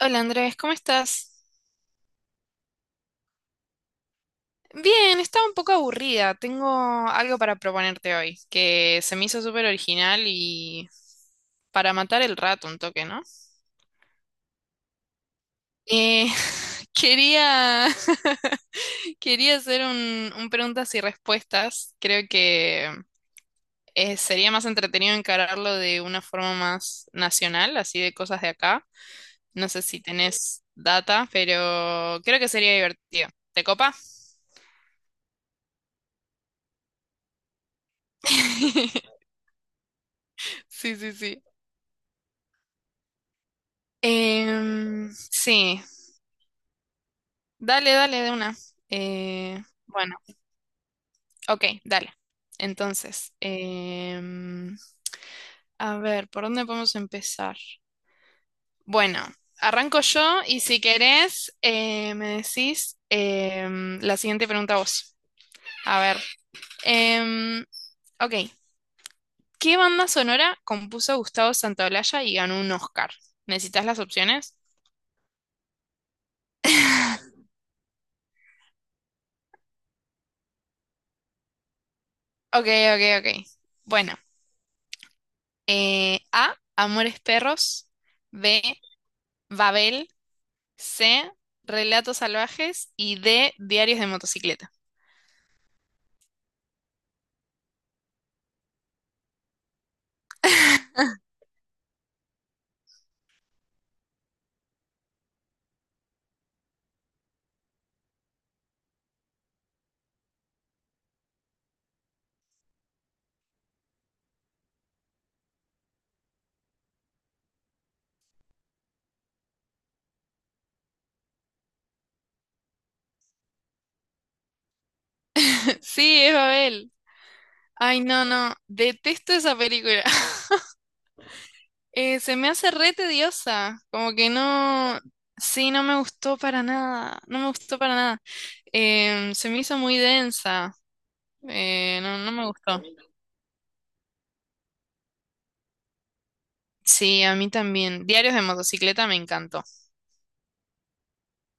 Hola Andrés, ¿cómo estás? Bien, estaba un poco aburrida. Tengo algo para proponerte hoy, que se me hizo súper original y para matar el rato un toque, ¿no? Eh, quería, quería hacer un preguntas y respuestas. Creo que sería más entretenido encararlo de una forma más nacional, así de cosas de acá. No sé si tenés data, pero creo que sería divertido. ¿Te copa? Sí, sí, sí. Sí, dale, dale de una. Eh, bueno, ok, dale. Entonces, a ver, ¿por dónde podemos empezar? Bueno, arranco yo y si querés, me decís la siguiente pregunta vos. A ver, em, ok, ¿qué banda sonora compuso Gustavo Santaolalla y ganó un Oscar? ¿Necesitas las opciones? Ok, ok, ok. Bueno, A, Amores Perros. B, Babel, C, Relatos Salvajes y D, Diarios de Motocicleta. Sí, es Babel. Ay, no, no, detesto esa película. Se me hace re tediosa, como que no, sí, no me gustó para nada, no me gustó para nada. Em, se me hizo muy densa, no, no me gustó. Sí, a mí también. Diarios de Motocicleta me encantó,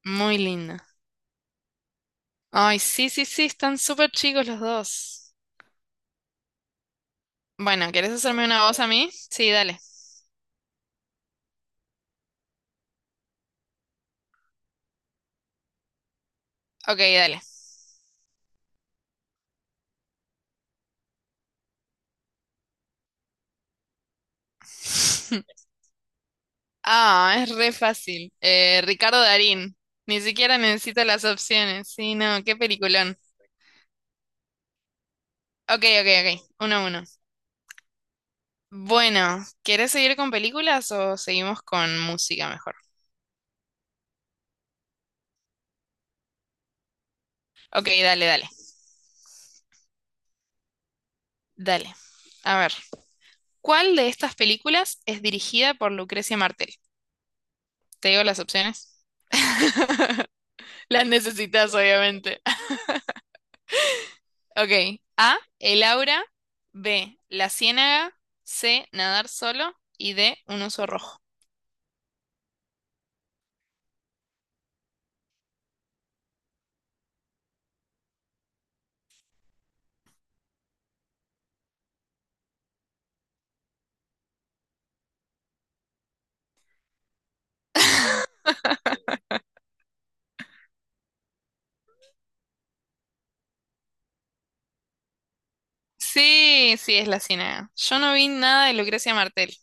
muy linda. Ay, sí, sí, sí, están súper chicos los dos. Bueno, ¿querés hacerme una voz a mí? Sí, dale. Ok, dale. Ah, es re fácil. Ricardo Darín. Ni siquiera necesito las opciones. Sí, no, qué peliculón. Ok, ok, ok. Uno a uno. Bueno, ¿querés seguir con películas o seguimos con música mejor? Ok, dale, dale. Dale. A ver, ¿cuál de estas películas es dirigida por Lucrecia Martel? ¿Te digo las opciones? Las necesitas, obviamente. Ok. A, El Aura. B, La Ciénaga. C, Nadar solo. Y D, Un oso rojo. Sí, sí, es la Ciénaga. Yo no vi nada de Lucrecia Martel.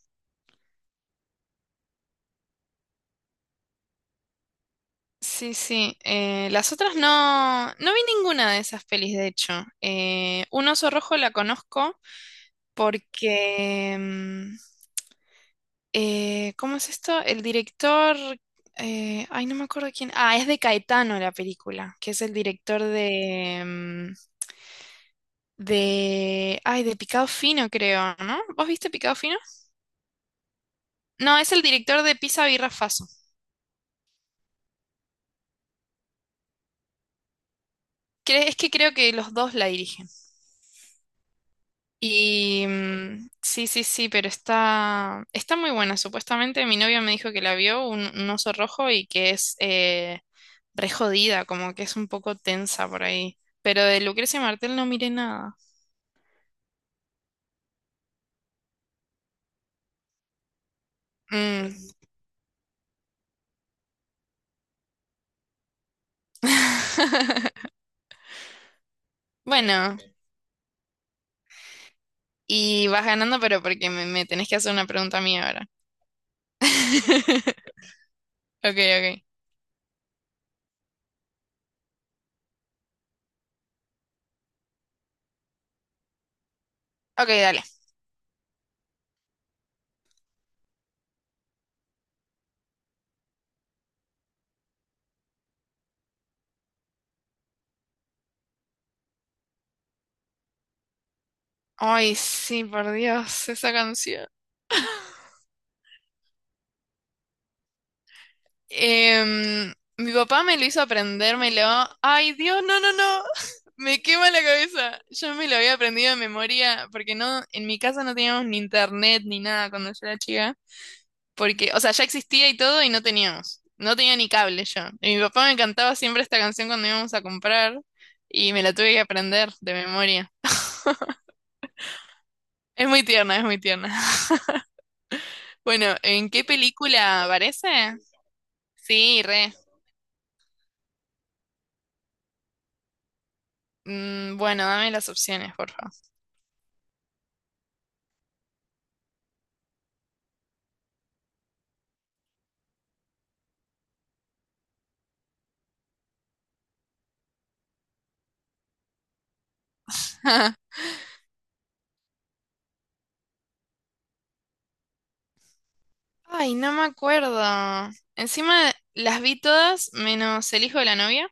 Sí, sí. Las otras no, no vi ninguna de esas pelis, de hecho. Un oso rojo la conozco porque... ¿cómo es esto? El director... ay, no me acuerdo quién. Ah, es de Caetano la película, que es el director de... de... Ay, de Picado Fino, creo, ¿no? ¿Vos viste Picado Fino? No, es el director de Pisa Birra Faso. Es que creo que los dos la dirigen. Y sí, sí, sí, pero está, está muy buena. Supuestamente mi novia me dijo que la vio, un oso rojo, y que es re jodida, como que es un poco tensa por ahí. Pero de Lucrecia Martel no miré nada. Mm. Bueno, y vas ganando, pero porque me tenés que hacer una pregunta mía ahora. Ok, ok. Ok, dale. Ay, sí, por Dios, esa canción. Em, mi papá me lo hizo aprender, me lo... Ay, Dios, no, no, no. Me quema la cabeza. Yo me lo había aprendido de memoria porque no, en mi casa no teníamos ni internet ni nada cuando yo era chica. Porque, o sea, ya existía y todo y no teníamos. No tenía ni cable yo. Y mi papá me cantaba siempre esta canción cuando íbamos a comprar y me la tuve que aprender de memoria. Es muy tierna, es muy tierna. Bueno, ¿en qué película aparece? Sí, re. Mm, bueno, dame las opciones, por favor. Ay, no me acuerdo. Encima las vi todas, menos El hijo de la novia.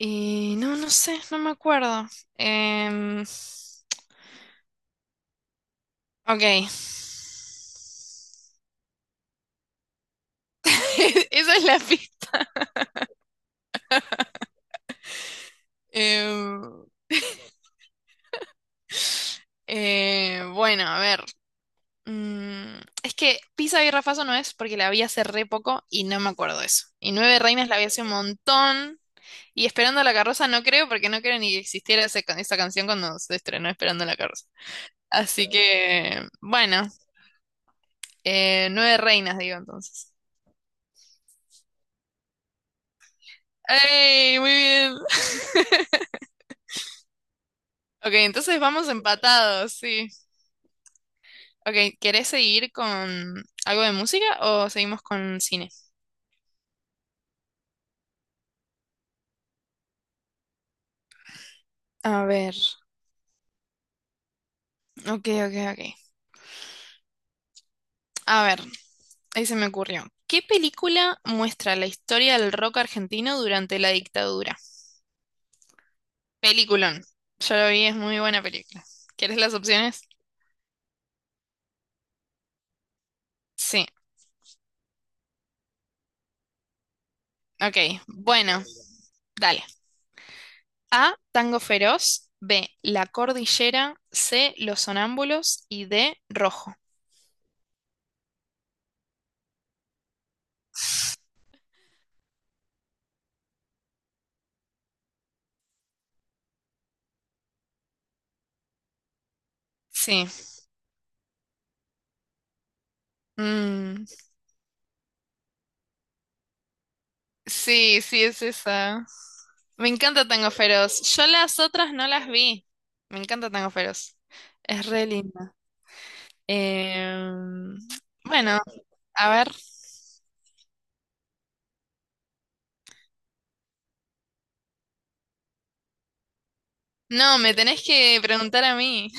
Y no, no sé, no me acuerdo. Em, ok. Esa es la pista. Em, bueno, a ver. Mm, es que Pisa y Rafaso no es porque la vi hace re poco y no me acuerdo de eso. Y Nueve Reinas la vi hace un montón. Y Esperando la carroza no creo porque no creo ni que existiera esa canción cuando se estrenó Esperando la carroza. Así que, bueno, nueve reinas, digo entonces. ¡Ey! Muy bien. Ok, entonces vamos empatados, sí. Ok, ¿querés seguir con algo de música o seguimos con cine? A ver, ok, ok, ok. A ver, ahí se me ocurrió. ¿Qué película muestra la historia del rock argentino durante la dictadura? Peliculón. Yo lo vi, es muy buena película. ¿Quieres las opciones? Sí, ok. Bueno, dale. A. Tango Feroz. B. La Cordillera. C. Los Sonámbulos. Y D. Rojo. Sí. Mm, sí, sí, es esa. Me encanta Tango Feroz. Yo las otras no las vi. Me encanta Tango Feroz. Es re linda. Em, bueno, a ver. No, me tenés que preguntar a mí.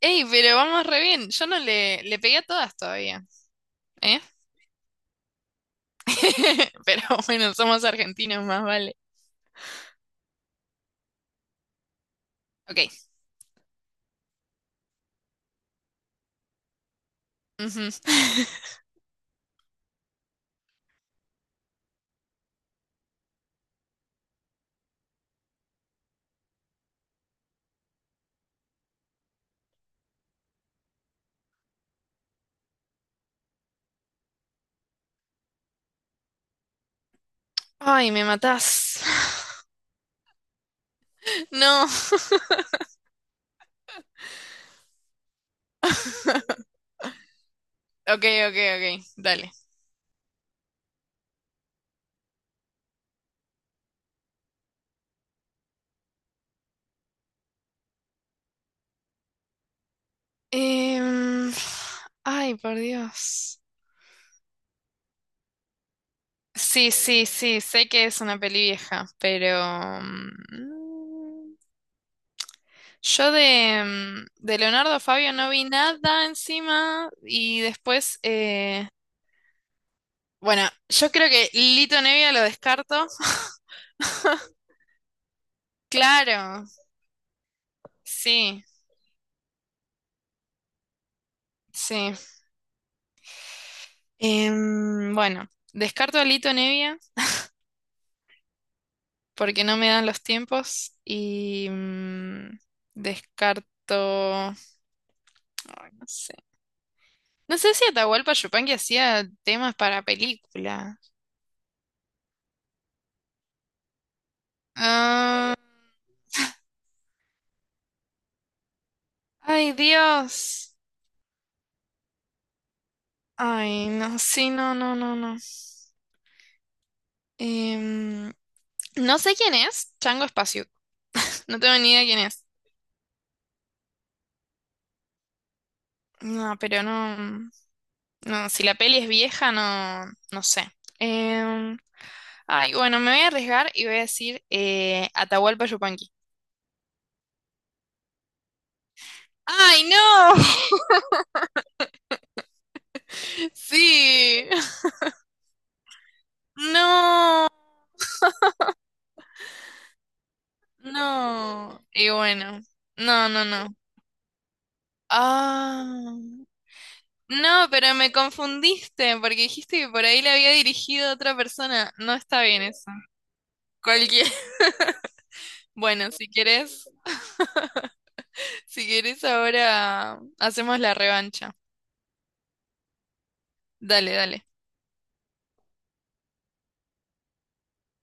Ey, pero vamos re bien. Yo no le, le pegué a todas todavía. ¿Eh? Pero bueno, somos argentinos, más vale. Ok. Ujú. Ay, me matás. No. Ok, ok, ok. Dale. Em, ay, por Dios. Sí, sí, sí. Sé que es una peli vieja, pero... yo de, de Leonardo Fabio no vi nada encima y después... bueno, yo creo que Lito Nevia lo descarto. Claro, sí, sí. Em, bueno, descarto a Lito Nevia. Porque no me dan los tiempos y descarto, no sé. No sé si Atahualpa Yupanqui hacía temas para película. Ah, ay, Dios. Ay, no, sí, no, no, no, no. Em, no sé quién es Chango Espacio. No tengo ni idea quién es. No, pero no, no, si la peli es vieja, no, no sé. Em, ay, bueno, me voy a arriesgar y voy a decir Atahualpa Yupanqui. ¡Ay, no! Sí. No, no. Y bueno, no, no, no. Ah, no, pero me confundiste porque dijiste que por ahí le había dirigido a otra persona. No está bien eso. Cualquier. Bueno, si quieres, si quieres ahora hacemos la revancha. Dale, dale.